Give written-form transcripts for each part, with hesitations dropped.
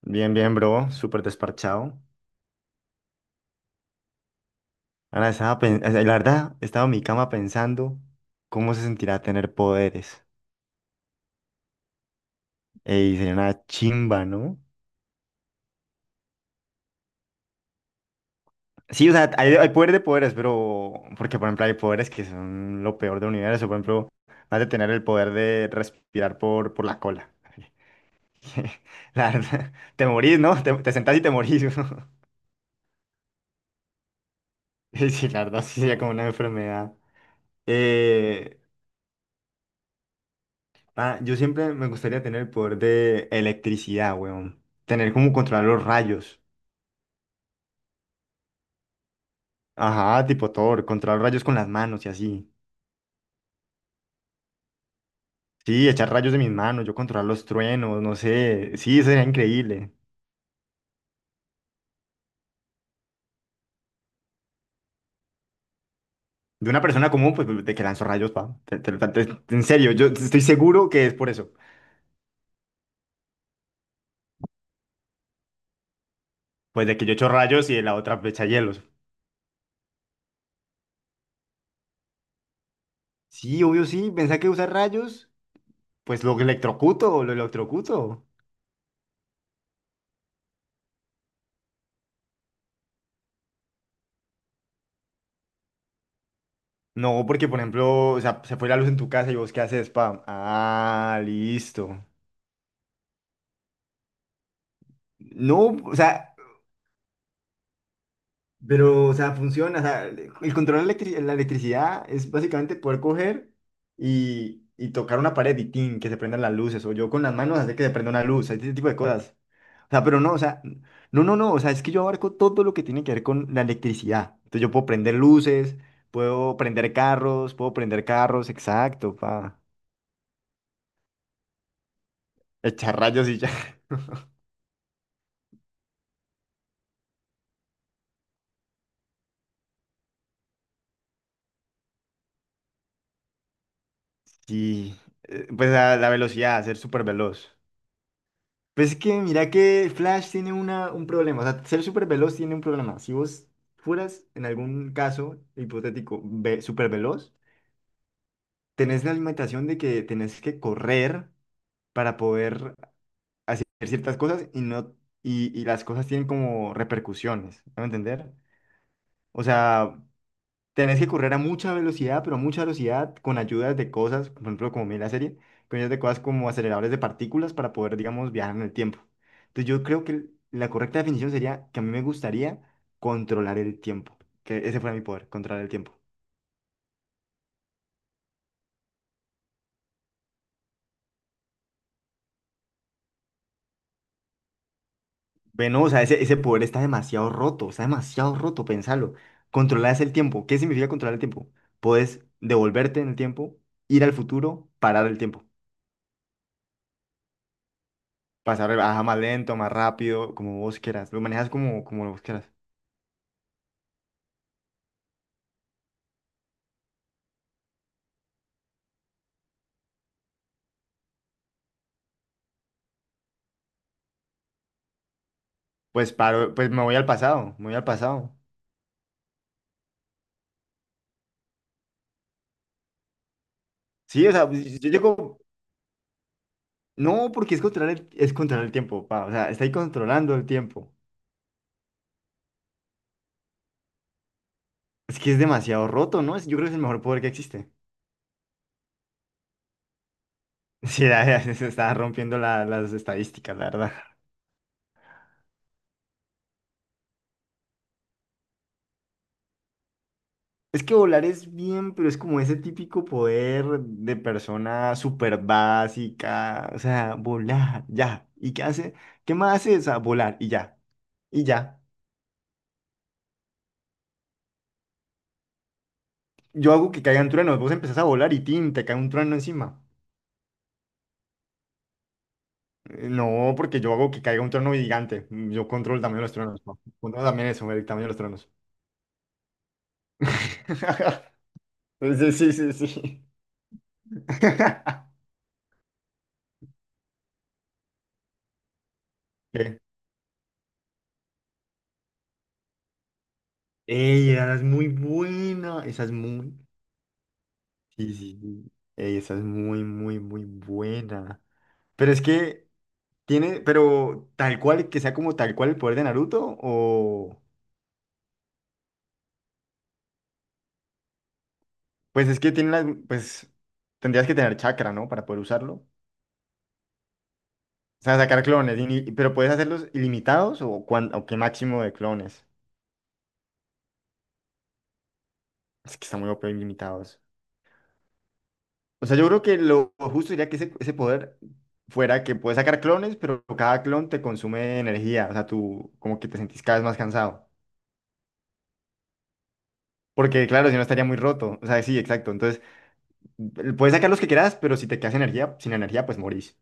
Bien, bien, bro, súper desparchado. Ahora estaba la verdad, estaba en mi cama pensando cómo se sentirá tener poderes. Y sería una chimba, ¿no? Sí, o sea, hay poder de poderes, pero porque, por ejemplo, hay poderes que son lo peor del universo. Por ejemplo, más de tener el poder de respirar por la cola. La verdad, te morís, ¿no? Te sentás y te morís. Sí, la verdad, sí sería como una enfermedad. Eh, yo siempre me gustaría tener el poder de electricidad, weón. Tener como controlar los rayos. Ajá, tipo Thor, controlar los rayos con las manos y así. Sí, echar rayos de mis manos, yo controlar los truenos, no sé. Sí, eso sería increíble. De una persona común, pues, de que lanzo rayos, pa. En serio, yo estoy seguro que es por eso. Pues de que yo echo rayos y de la otra echa hielos. Sí, obvio, sí. Pensá que usar rayos, pues lo electrocuto, lo electrocuto. No, porque por ejemplo, o sea, se fue la luz en tu casa y vos qué haces, spam. Ah, listo. No, o sea, pero, o sea, funciona. O sea, el control de la electricidad es básicamente poder coger y tocar una pared y tin, que se prendan las luces. O yo con las manos hacer que se prenda una luz, ese tipo de cosas. O sea, pero no, o sea, no. O sea, es que yo abarco todo lo que tiene que ver con la electricidad. Entonces yo puedo prender luces, puedo prender carros, exacto, pa. Echar rayos y ya. Sí, pues a la velocidad, a ser súper veloz. Pues es que mira que Flash tiene un problema, o sea, ser súper veloz tiene un problema. Si vos fueras, en algún caso hipotético, ve, súper veloz, tenés la limitación de que tenés que correr para poder hacer ciertas cosas y no y, y las cosas tienen como repercusiones, ¿me va a entender? O sea, Tenés que correr a mucha velocidad, pero a mucha velocidad, con ayudas de cosas, por ejemplo, como mira la serie, con ayudas de cosas como aceleradores de partículas para poder, digamos, viajar en el tiempo. Entonces yo creo que la correcta definición sería que a mí me gustaría controlar el tiempo, que ese fuera mi poder, controlar el tiempo. Bueno, o sea, ese poder está demasiado roto, pensalo. Controlar el tiempo, ¿qué significa controlar el tiempo? Puedes devolverte en el tiempo, ir al futuro, parar el tiempo, más lento, más rápido, como vos quieras, lo manejas como, como vos quieras. Pues paro, pues me voy al pasado, me voy al pasado. Sí, o sea, pues, yo llego, no, porque es controlar es controlar el tiempo, pa, o sea, está ahí controlando el tiempo. Es que es demasiado roto, ¿no? Yo creo que es el mejor poder que existe. Sí, se está rompiendo las estadísticas, la verdad. Es que volar es bien, pero es como ese típico poder de persona súper básica, o sea, volar, ya. ¿Y qué hace? ¿Qué más hace? O sea, volar y ya, y ya. Yo hago que caigan truenos, vos empezás a volar y tin, te cae un trueno encima. No, porque yo hago que caiga un trueno gigante. Mm, yo controlo el tamaño de los truenos. ¿No? Controlo también eso, el tamaño de los truenos. Sí. ¿Qué? Ey, esa es muy buena. Esa es muy. Sí. Ey, esa es muy buena. Pero es que tiene, pero tal cual, que sea como tal cual el poder de Naruto, o. Pues es que tiene las. Pues tendrías que tener chakra, ¿no? Para poder usarlo. O sea, sacar clones, pero puedes hacerlos ilimitados o, o qué máximo de clones. Es que está muy OP ilimitados. O sea, yo creo que lo justo sería que ese poder fuera que puedes sacar clones, pero cada clon te consume energía. O sea, tú como que te sentís cada vez más cansado. Porque claro, si no estaría muy roto. O sea, sí, exacto. Entonces, puedes sacar los que quieras, pero si te quedas energía, sin energía, pues morís.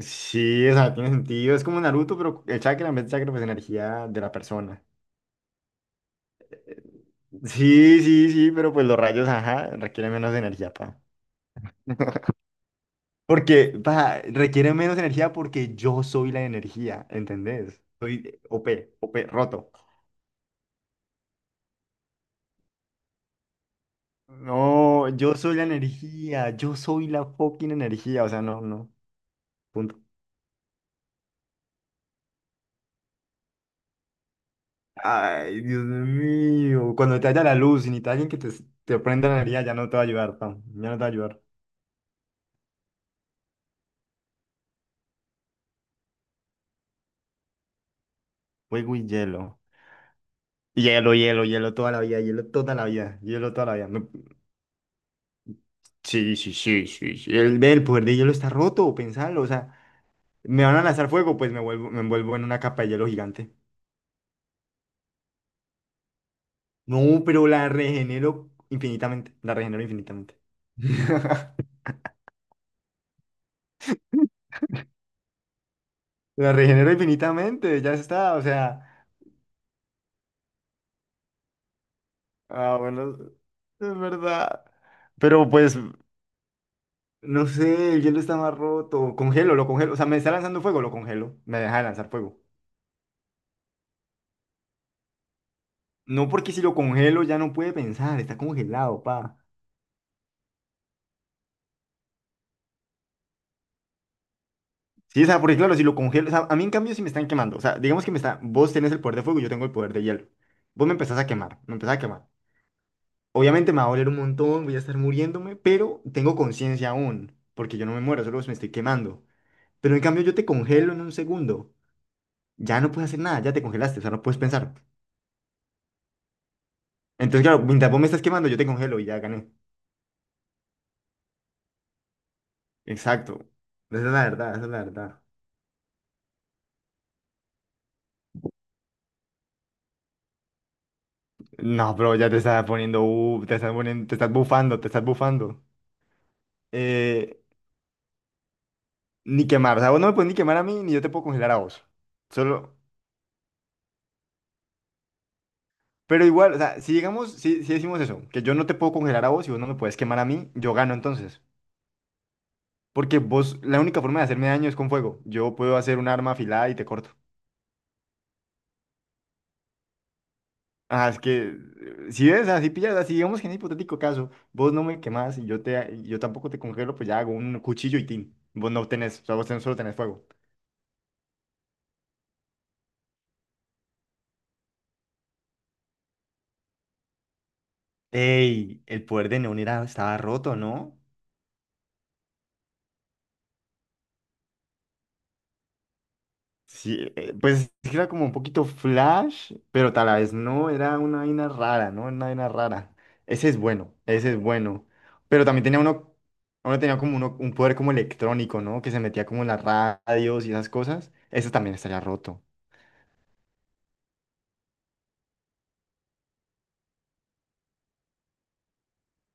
Sí, o sea, tiene sentido. Es como Naruto, pero el chakra en vez de chakra, pues energía de la persona. Sí, pero pues los rayos, ajá, requieren menos energía, pa. Porque, pa, requieren menos energía porque yo soy la energía, ¿entendés? Soy OP, OP, roto. No, yo soy la energía, yo soy la fucking energía, o sea, no, punto. Ay, Dios mío, cuando te haya la luz y necesitas alguien que te prenda la energía, ya no te va a ayudar, pa, ya no te va a ayudar. Fuego y hielo. Hielo, hielo, hielo toda la vida, hielo toda la vida, hielo toda la vida. No. Sí. El, ve, el poder de hielo está roto, pensalo. O sea, me van a lanzar fuego, pues me envuelvo en una capa de hielo gigante. No, pero la regenero infinitamente. La regenero infinitamente. La regenero infinitamente, ya está. O sea, ah, bueno, es verdad. Pero pues, no sé, el hielo está más roto. Congelo, lo congelo. O sea, me está lanzando fuego, lo congelo. Me deja de lanzar fuego. No porque si lo congelo ya no puede pensar, está congelado, pa. Sí, o sea, porque claro, si lo congelo, o sea, a mí en cambio si me están quemando, o sea, vos tenés el poder de fuego y yo tengo el poder de hielo. Vos me empezás a quemar, me empezás a quemar. Obviamente me va a doler un montón, voy a estar muriéndome, pero tengo conciencia aún, porque yo no me muero, solo me estoy quemando. Pero en cambio yo te congelo en un segundo, ya no puedes hacer nada, ya te congelaste, o sea, no puedes pensar. Entonces, claro, mientras vos me estás quemando, yo te congelo y ya gané. Exacto. Esa es la verdad, esa es la verdad. No, bro, ya te estás poniendo, te estás poniendo, te estás bufando, te estás bufando. Eh, Ni quemar, o sea, vos no me puedes ni quemar a mí, ni yo te puedo congelar a vos. Solo, pero igual, o sea, si, si decimos eso, que yo no te puedo congelar a vos y vos no me puedes quemar a mí, yo gano entonces. Porque vos, la única forma de hacerme daño es con fuego. Yo puedo hacer un arma afilada y te corto. Ah, es que, si ves, así pillas, así digamos que en hipotético caso, vos no me quemás y yo te, y yo tampoco te congelo, pues ya hago un cuchillo y tin. Vos no tenés, o sea, solo tenés fuego. Ey, el poder de Neon estaba roto, ¿no? Sí, pues era como un poquito flash, pero tal vez no, era una vaina rara, ¿no? Una vaina rara. Ese es bueno, ese es bueno. Pero también tenía uno, uno tenía como un poder como electrónico, ¿no? Que se metía como en las radios y esas cosas. Ese también estaría roto.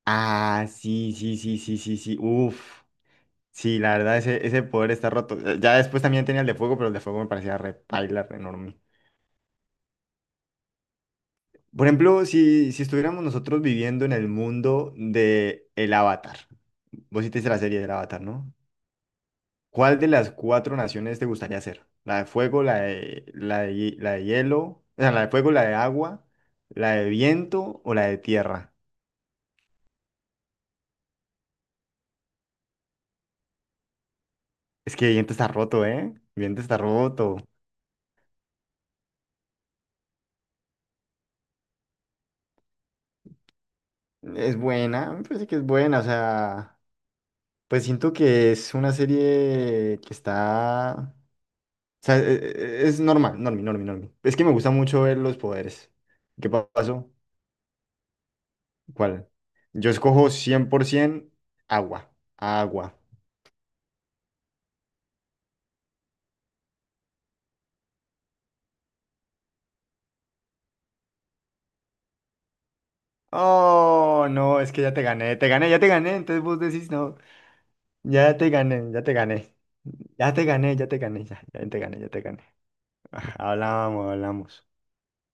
Ah, sí. Uf. Sí, la verdad, ese poder está roto. Ya después también tenía el de fuego, pero el de fuego me parecía re paila, re enorme. Por ejemplo, si estuviéramos nosotros viviendo en el mundo de el Avatar. Vos sí te hiciste la serie del Avatar, ¿no? ¿Cuál de las cuatro naciones te gustaría ser? ¿La de fuego, la de hielo? O sea, la de fuego, la de agua, la de viento o la de tierra. Es que viento está roto, ¿eh? Viento está roto. Es buena, me parece que es buena, o sea, pues siento que es una serie que está, o sea, es normal, normi. Es que me gusta mucho ver los poderes. ¿Qué pasó? ¿Cuál? Yo escojo 100% agua, agua. Oh, no, es que ya te gané, ya te gané. Entonces vos decís, no, ya te gané, ya te gané, ya te gané, ya te gané, ya, ya te gané, ya te gané. Ah, hablamos, hablamos.